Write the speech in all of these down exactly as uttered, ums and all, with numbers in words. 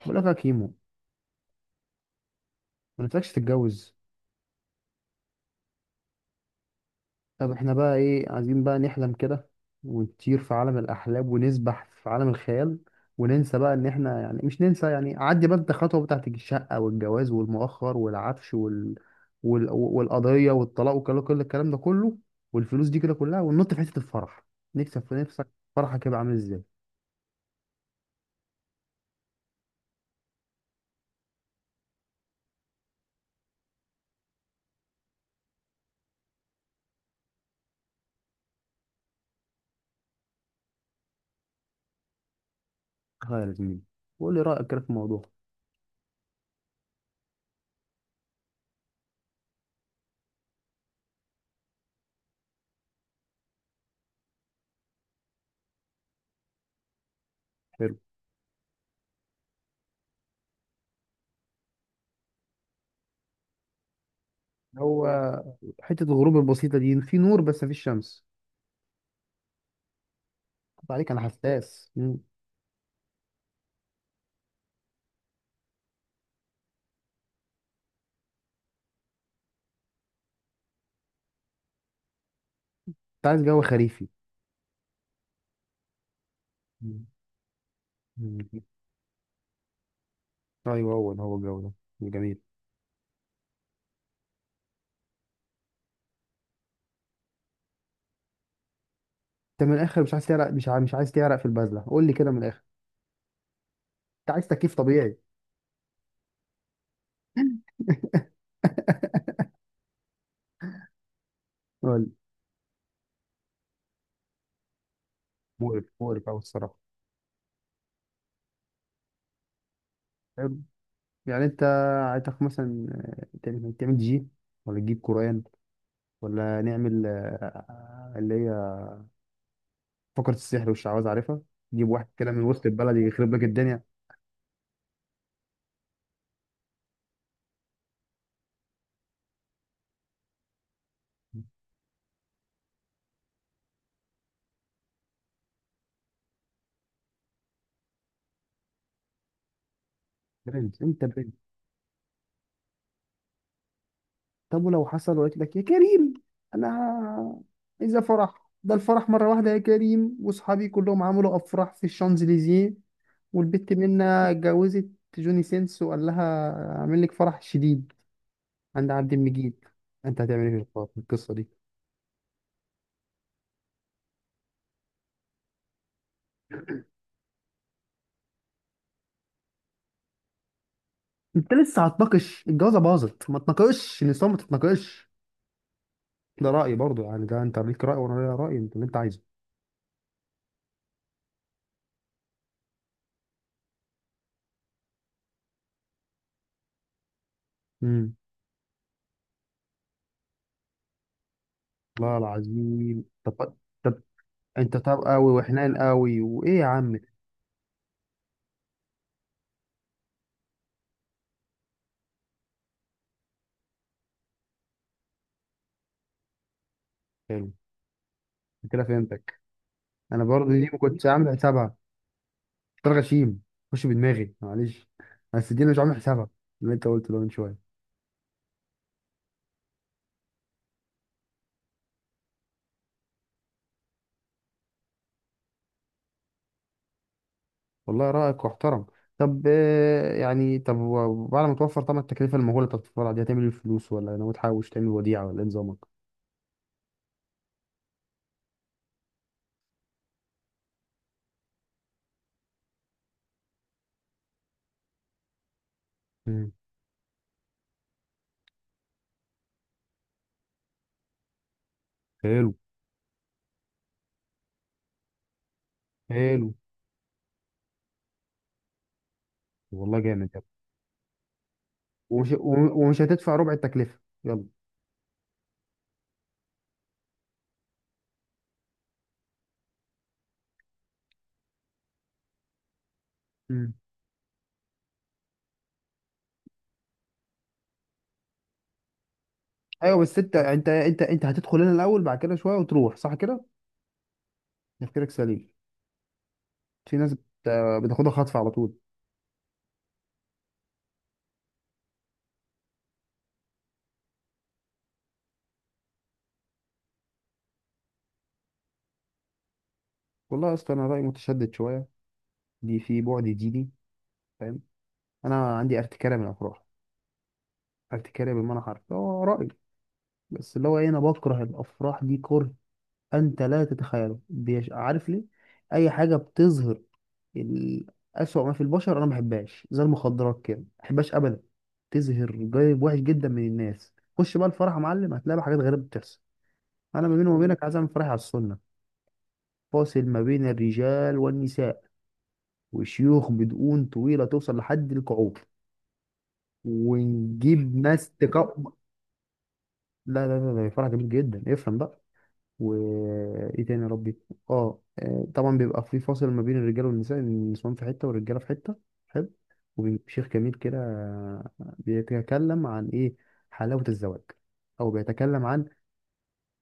بقول لك يا كيمو، ما نفسكش تتجوز. طب احنا بقى ايه عايزين؟ بقى نحلم كده ونطير في عالم الاحلام ونسبح في عالم الخيال وننسى بقى ان احنا، يعني مش ننسى يعني، عدي بقى انت خطوه بتاعت الشقه والجواز والمؤخر والعفش وال... وال... والقضيه والطلاق وكل كل الكلام ده كله والفلوس دي كده كلها، وننط في حته الفرح. نكسب في نفسك. فرحك يبقى عامل ازاي؟ تخيل يا زميلي وقول لي رايك كده في الموضوع. حلو. هو حته الغروب البسيطه دي في نور بس مفيش شمس. طب عليك، انا حساس. انت عايز جو خريفي. مم. مم. ايوه، هو ده هو الجو. ده جميل. انت من الاخر مش عايز تعرق، مش عايز مش عايز تعرق في البازله، قول لي كده من الاخر. انت عايز تكييف طبيعي. قول لي. مقرف مقرف أوي الصراحة. حلو. يعني انت، عايزك مثلا، آه، تعمل تعمل جي، ولا تجيب قرآن، ولا نعمل، آه، اللي هي فقرة السحر والشعوذة، عارفها، تجيب واحد كده من وسط البلد يخرب لك الدنيا. برنس، انت برنس. طب، ولو حصل وقلت لك يا كريم، انا اذا فرح ده الفرح مره واحده يا كريم، واصحابي كلهم عملوا افراح في الشانزليزيه، والبت منا اتجوزت جوني سينس وقال لها اعمل لك فرح شديد عند عبد المجيد، انت هتعمل ايه في الحوار- في القصه دي؟ انت لسه هتناقش؟ الجوازه باظت. ما تناقش النساء، ما تتناقش. ده رايي برضو، يعني ده انت ليك راي وانا ليا راي، انت اللي انت عايزه. امم. والله العظيم. طب طب انت طب قوي وحنان قوي وايه يا عم؟ حلو. كده فهمتك. انا برضه دي ما كنتش عامل حسابها. فطار غشيم خش بدماغي، معلش، بس دي أنا مش عامل حسابها، اللي انت قلته ده من شويه. والله رايك محترم. طب، آه، يعني طب و- وبعد ما توفر طبعا التكلفه المهوله بتاعت الفرع دي، هتعمل ايه الفلوس؟ ولا ناوي تحوش تعمل وديعه، ولا ايه نظامك؟ مم. حلو. حلو والله جامد، يلا. ومش و- ومش هتدفع ربع التكلفه، يلا. مم. ايوه، بس انت انت انت انت هتدخل هنا الاول بعد كده شويه وتروح، صح كده؟ تفكيرك سليم. في ناس بت- بتاخدها خطف على طول. والله اصلا انا رايي متشدد شويه، دي في بعد ديني، فاهم؟ انا عندي ارتكاره من الافراح، ارتكاره بمعنى حرفي، هو رايي، بس اللي هو ايه، انا بكره الافراح دي كره انت لا تتخيله. بيش... عارف ليه؟ اي حاجه بتظهر ال- اسوأ ما في البشر انا ما بحبهاش، زي المخدرات كده ما بحبهاش ابدا. تظهر جانب وحش جدا من الناس. خش بقى الفرح يا معلم، هتلاقي بقى حاجات غريبه بتحصل. انا ما بيني وما بينك عايز اعمل فرح على السنه، فاصل ما بين الرجال والنساء، وشيوخ بدقون طويله توصل لحد الكعوب، ونجيب ناس تقوم. لا لا لا، ده فرع جميل جدا، افهم بقى. وايه تاني يا ربي؟ اه آه، طبعا بيبقى في فاصل ما بين الرجاله والنساء، النسوان في حته والرجاله في حته. حلو. وبيبقى شيخ جميل كده بيتكلم عن ايه؟ حلاوه الزواج. او بيتكلم عن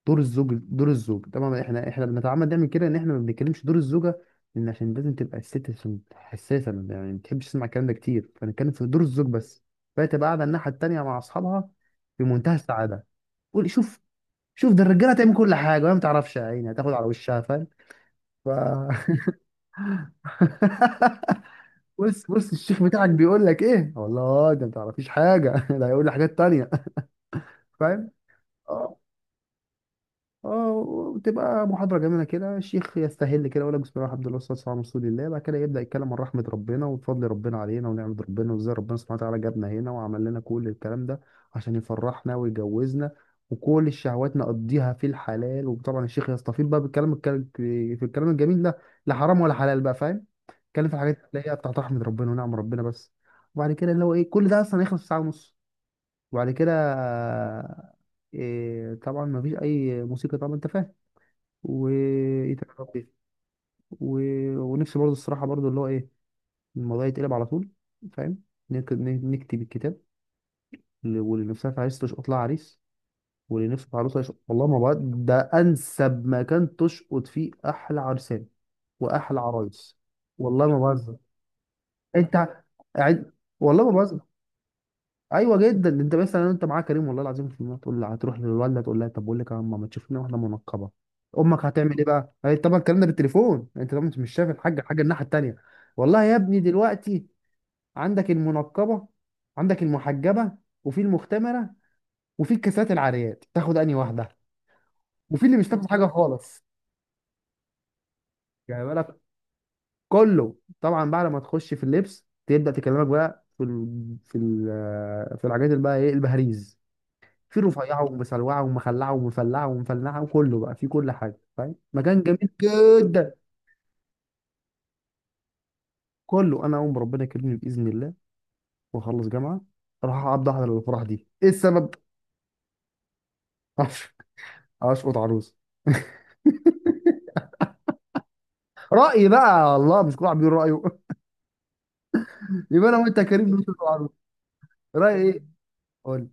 دور الزوج. دور الزوج، طبعا احنا احنا بنتعمد نعمل كده ان احنا ما بنتكلمش دور الزوجه، لان عشان لازم تبقى الست، عشان حساسه يعني ما بتحبش تسمع الكلام ده كتير، فنتكلم في دور الزوج بس. فهي تبقى قاعده الناحيه التانيه مع اصحابها، في منتهى السعاده. قول. شوف. شوف، ده الرجاله تعمل كل حاجه وهي ما تعرفش، يا عيني هتاخد على وشها، فاهم؟ ف بص بص، الشيخ بتاعك بيقول لك ايه؟ والله ده ما تعرفيش حاجه، ده هيقول لي حاجات تانيه، فاهم؟ آه. اه وتبقى محاضرة جميلة كده، الشيخ يستهل كده يقول لك بسم الله الرحمن الرحيم والصلاة والسلام على رسول الله، بعد كده يبدأ يتكلم عن رحمة ربنا وفضل ربنا علينا ونعمة ربنا، وازاي ربنا سبحانه وتعالى جابنا هنا وعمل لنا كل الكلام ده عشان يفرحنا ويجوزنا، وكل الشهوات نقضيها في الحلال. وطبعا الشيخ يستفيض بقى بالكلام، الكل- في الكلام الجميل ده، لا حرام ولا حلال بقى، فاهم، يتكلم في الحاجات اللي هي بتاعت رحمة ربنا ونعم ربنا بس. وبعد كده اللي هو ايه، كل ده اصلا هيخلص في ساعة ونص. وبعد كده إيه؟ طبعا مفيش اي موسيقى طبعا، انت فاهم. وايه تاني يا ربي؟ و... ونفسي برضه الصراحه برضه اللي هو ايه، الموضوع يتقلب على طول، فاهم؟ نكتب, نكتب الكتاب، اللي- واللي نفسها في عريس تشقط لها عريس، واللي نفسه في عروسه يشقط. والله ما بقى ده انسب مكان تشقط فيه احلى عرسان واحلى عرايس. والله ما بهزر. انت قاعد. والله ما بهزر. ايوه جدا، انت مثلا انت معاك كريم والله العظيم في المية، تقول لها هتروح للوالده، تقول لها طب بقول لك يا ماما ما تشوف لنا واحده منقبه، امك هتعمل ايه بقى؟ هي طبعا الكلام ده بالتليفون، انت طبعا مش شايف الحاجه الحاجه، الناحيه التانيه. والله يا ابني دلوقتي عندك المنقبه، عندك المحجبه، وفي المختمره، وفي الكاسات العاريات، تاخد انهي واحده؟ وفي اللي مش تاخد حاجه خالص. يعني بالك، كله طبعا بعد ما تخش في اللبس تبدا تكلمك بقى في ال... في ال... في الحاجات، اللي بقى ايه البهاريز، في رفيعه ومسلوعه ومخلعه ومفلعه ومفلعه وكله بقى في كل حاجه، فاهم، مكان جميل جدا. كله، انا اقوم ربنا يكرمني باذن الله واخلص جامعه، اروح اقعد احضر الافراح دي. ايه السبب؟ أش- اشقط عروس. رايي بقى الله، مش كل واحد بيقول رايه؟ يبقى انا وانت يا كريم نشقط عروس. رايي ايه؟ قول لي.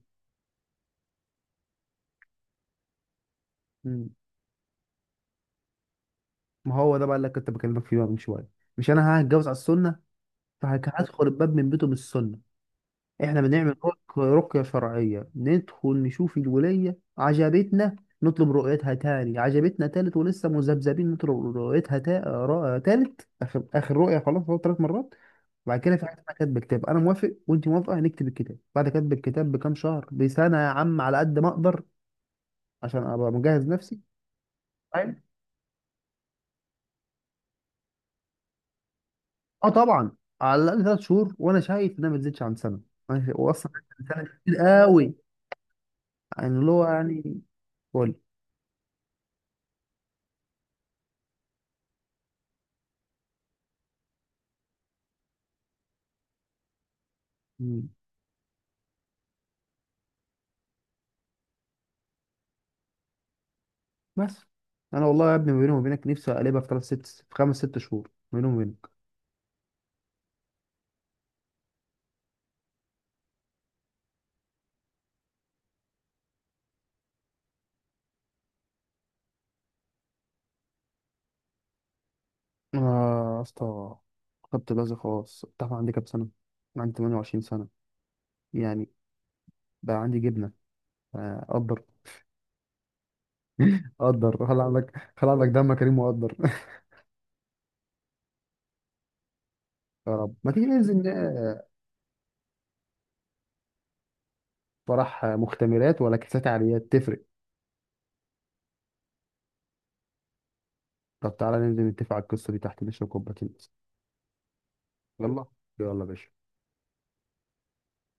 مم. ما هو ده بقى اللي كنت بكلمك فيه بقى من شويه، مش انا هتجوز على السنه؟ فهدخل الباب من بيته بالسنه، احنا بنعمل رك- رقية شرعية، ندخل نشوف الولاية، عجبتنا نطلب رؤيتها تاني، عجبتنا تالت، ولسه مذبذبين نطلب رؤيتها، تا... را- تالت، اخر اخر رؤية خلاص، هو تلات مرات. بعد كده في حاجة اسمها كتب كتاب، انا موافق وانت موافقة هنكتب الكتاب. بعد كتب الكتاب بكام شهر، بسنة يا عم على قد ما اقدر، عشان ابقى مجهز نفسي. فاهم؟ اه طبعا، على الاقل ثلاث شهور، وانا شايف انها ما تزيدش عن سنة. أنا شايف- واصلا سنة كتير قوي، يعني اللي هو يعني. قول. بس انا والله يا ابني ما بيني وبينك، نفسي اقلبها في ثلاث ست في خمس ست شهور، ما بيني وبينك انا. يا اسطى، خدت بازي خلاص، انت عارف عندي كام سنه؟ أنا عندي ثمانية وعشرين سنه يعني، بقى عندي جبنه. آه، قدر، قدر خلي عندك، خلي عندك دم كريم وقدر. يا رب. ما تيجي ننزل ن- فرح مختمرات ولا كاسات عاليات، تفرق؟ طب تعالى ننزل نتفق على القصه دي تحت، نشرب كوبايتين. يلا. يلا يا باشا.